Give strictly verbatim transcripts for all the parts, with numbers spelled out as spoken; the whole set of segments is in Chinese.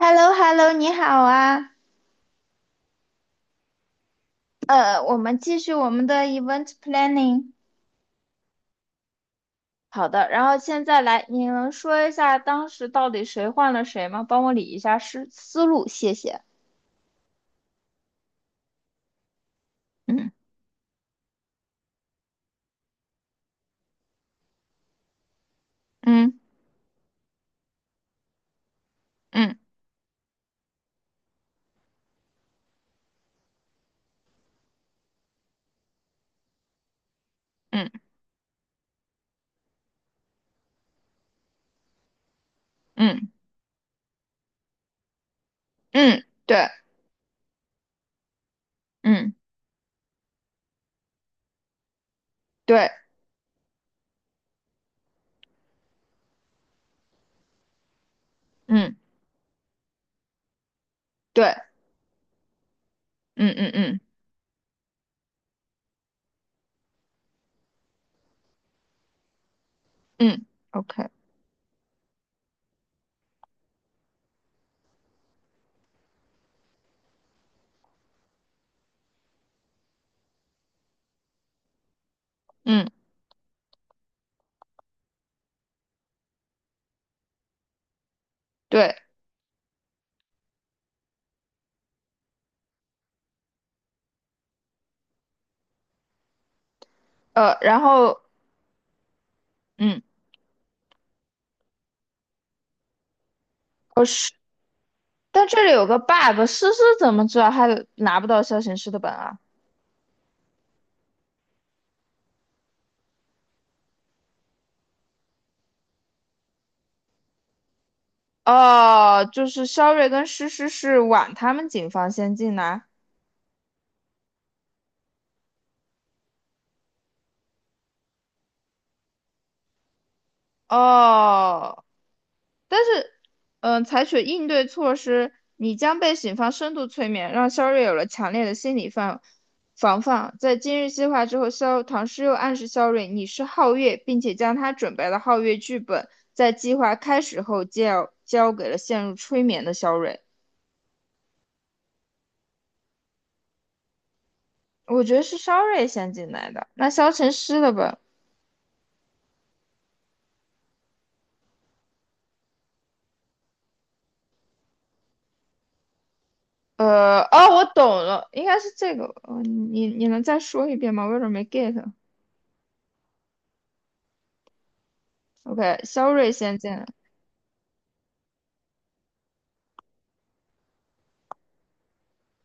h e l l o h e l l o 你好啊。呃，我们继续我们的 event planning。好的，然后现在来，你能说一下当时到底谁换了谁吗？帮我理一下思思路，谢谢。嗯嗯嗯嗯嗯嗯，对，嗯对，嗯对，嗯嗯嗯嗯，OK，嗯对，呃，然后嗯，我是，但这里有个 bug，思思怎么知道他拿不到消行师的本啊？哦，就是肖瑞跟诗诗是晚他们警方先进来。哦，但是，嗯、采取应对措施，你将被警方深度催眠，让肖瑞有了强烈的心理防防范。在今日计划之后，肖唐诗又暗示肖瑞你是皓月，并且将他准备的皓月剧本在计划开始后交交给了陷入催眠的肖瑞。我觉得是肖瑞先进来的，那肖成诗了吧？呃，哦，我懂了，应该是这个。呃，你你能再说一遍吗？我有点没 get。OK，肖瑞先进来，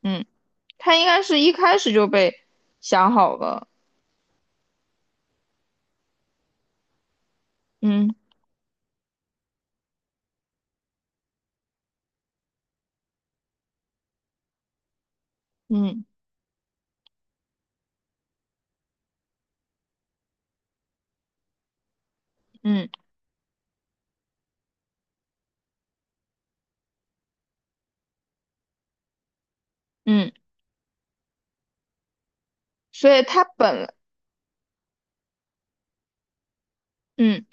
嗯，他应该是一开始就被想好了，嗯嗯嗯嗯，所以他本来嗯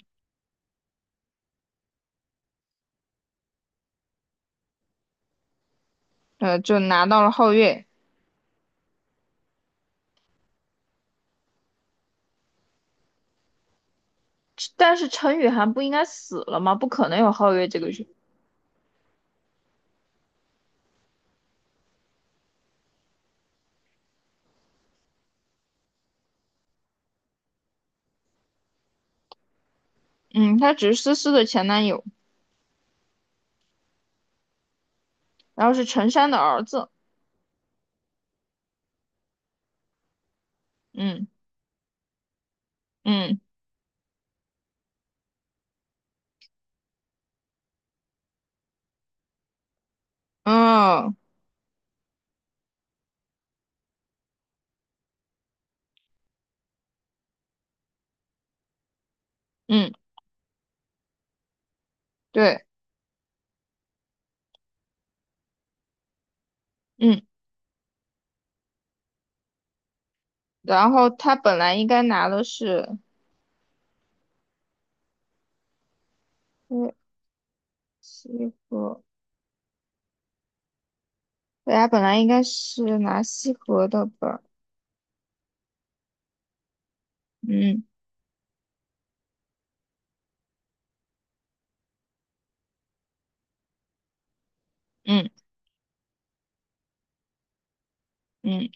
呃，就拿到了皓月。但是陈雨涵不应该死了吗？不可能有皓月这个人，嗯，他只是思思的前男友，然后是陈山的儿子，嗯嗯嗯嗯，对，嗯，然后他本来应该拿的是。对，西河，大家本来应该是拿西河的本。嗯嗯嗯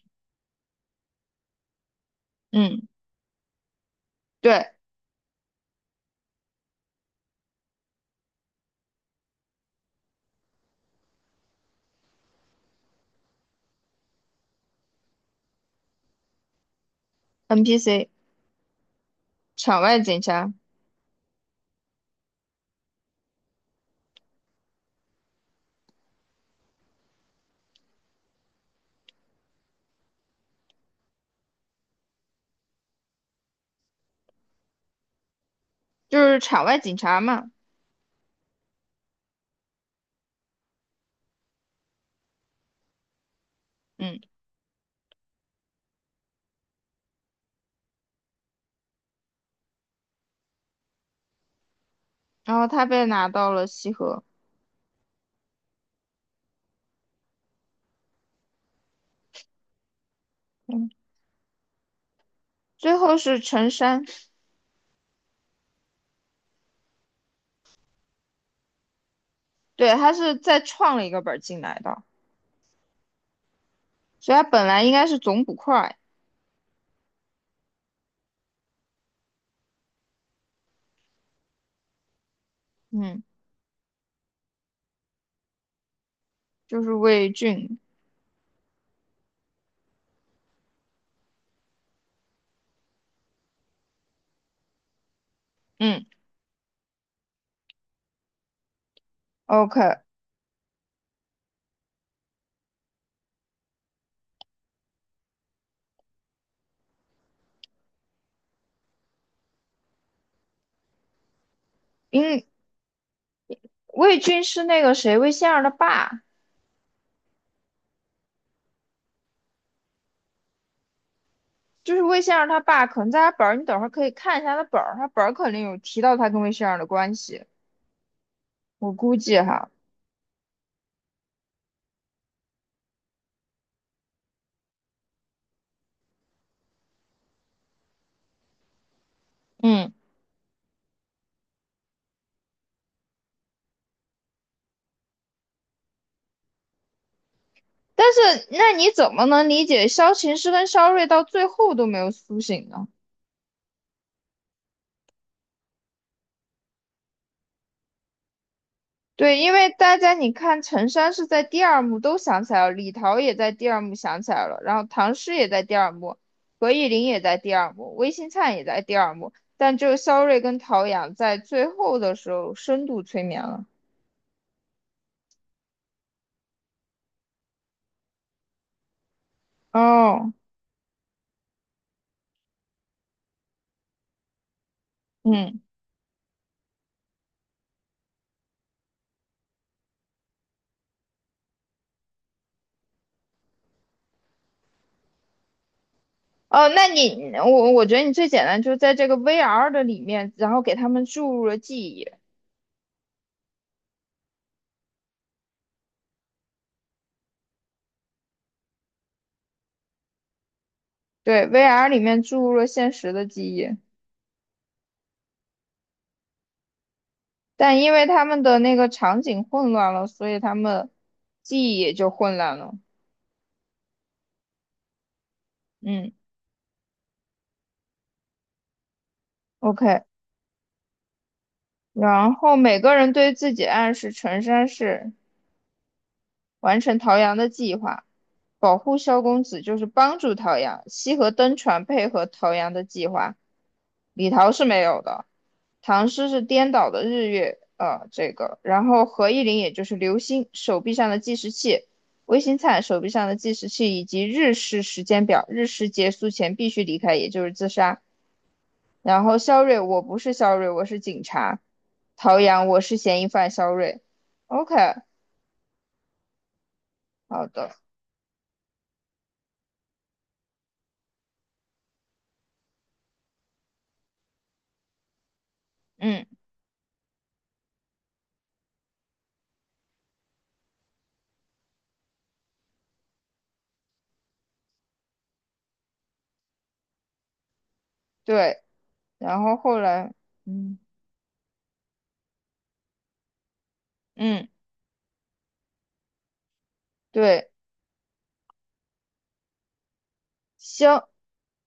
嗯，对，N P C 场外警察就是场外警察嘛。嗯，然后他被拿到了西河，嗯，最后是陈山，对，他是再创了一个本儿进来的，所以他本来应该是总捕快，嗯，就是魏俊，嗯，OK，因为魏俊是那个谁魏仙儿的爸，就是魏先生他爸，可能在他本儿，你等会儿可以看一下他本儿，他本儿肯定有提到他跟魏先生的关系，我估计哈，嗯，但是那你怎么能理解萧琴师跟萧睿到最后都没有苏醒呢？对，因为大家你看，陈山是在第二幕都想起来了，李桃也在第二幕想起来了，然后唐诗也在第二幕，何以琳也在第二幕，魏新灿也在第二幕，但只有萧睿跟陶阳在最后的时候深度催眠了。哦，嗯。哦，那你我我觉得你最简单就是在这个 V R 的里面，然后给他们注入了记忆，对，V R 里面注入了现实的记忆，但因为他们的那个场景混乱了，所以他们记忆也就混乱了。嗯，OK，然后每个人对自己暗示，陈山是。完成陶阳的计划。保护萧公子就是帮助陶阳，西河登船配合陶阳的计划。李桃是没有的，唐诗是颠倒的日月，呃，这个，然后何意林也就是流星手臂上的计时器，魏新灿手臂上的计时器以及日食时间表，日食结束前必须离开，也就是自杀。然后肖瑞，我不是肖瑞，我是警察。陶阳，我是嫌疑犯肖瑞。OK，好的，嗯，对。然后后来，嗯嗯，对，行，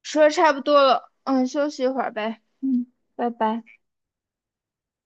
说的差不多了，嗯，休息一会儿呗，嗯，拜拜。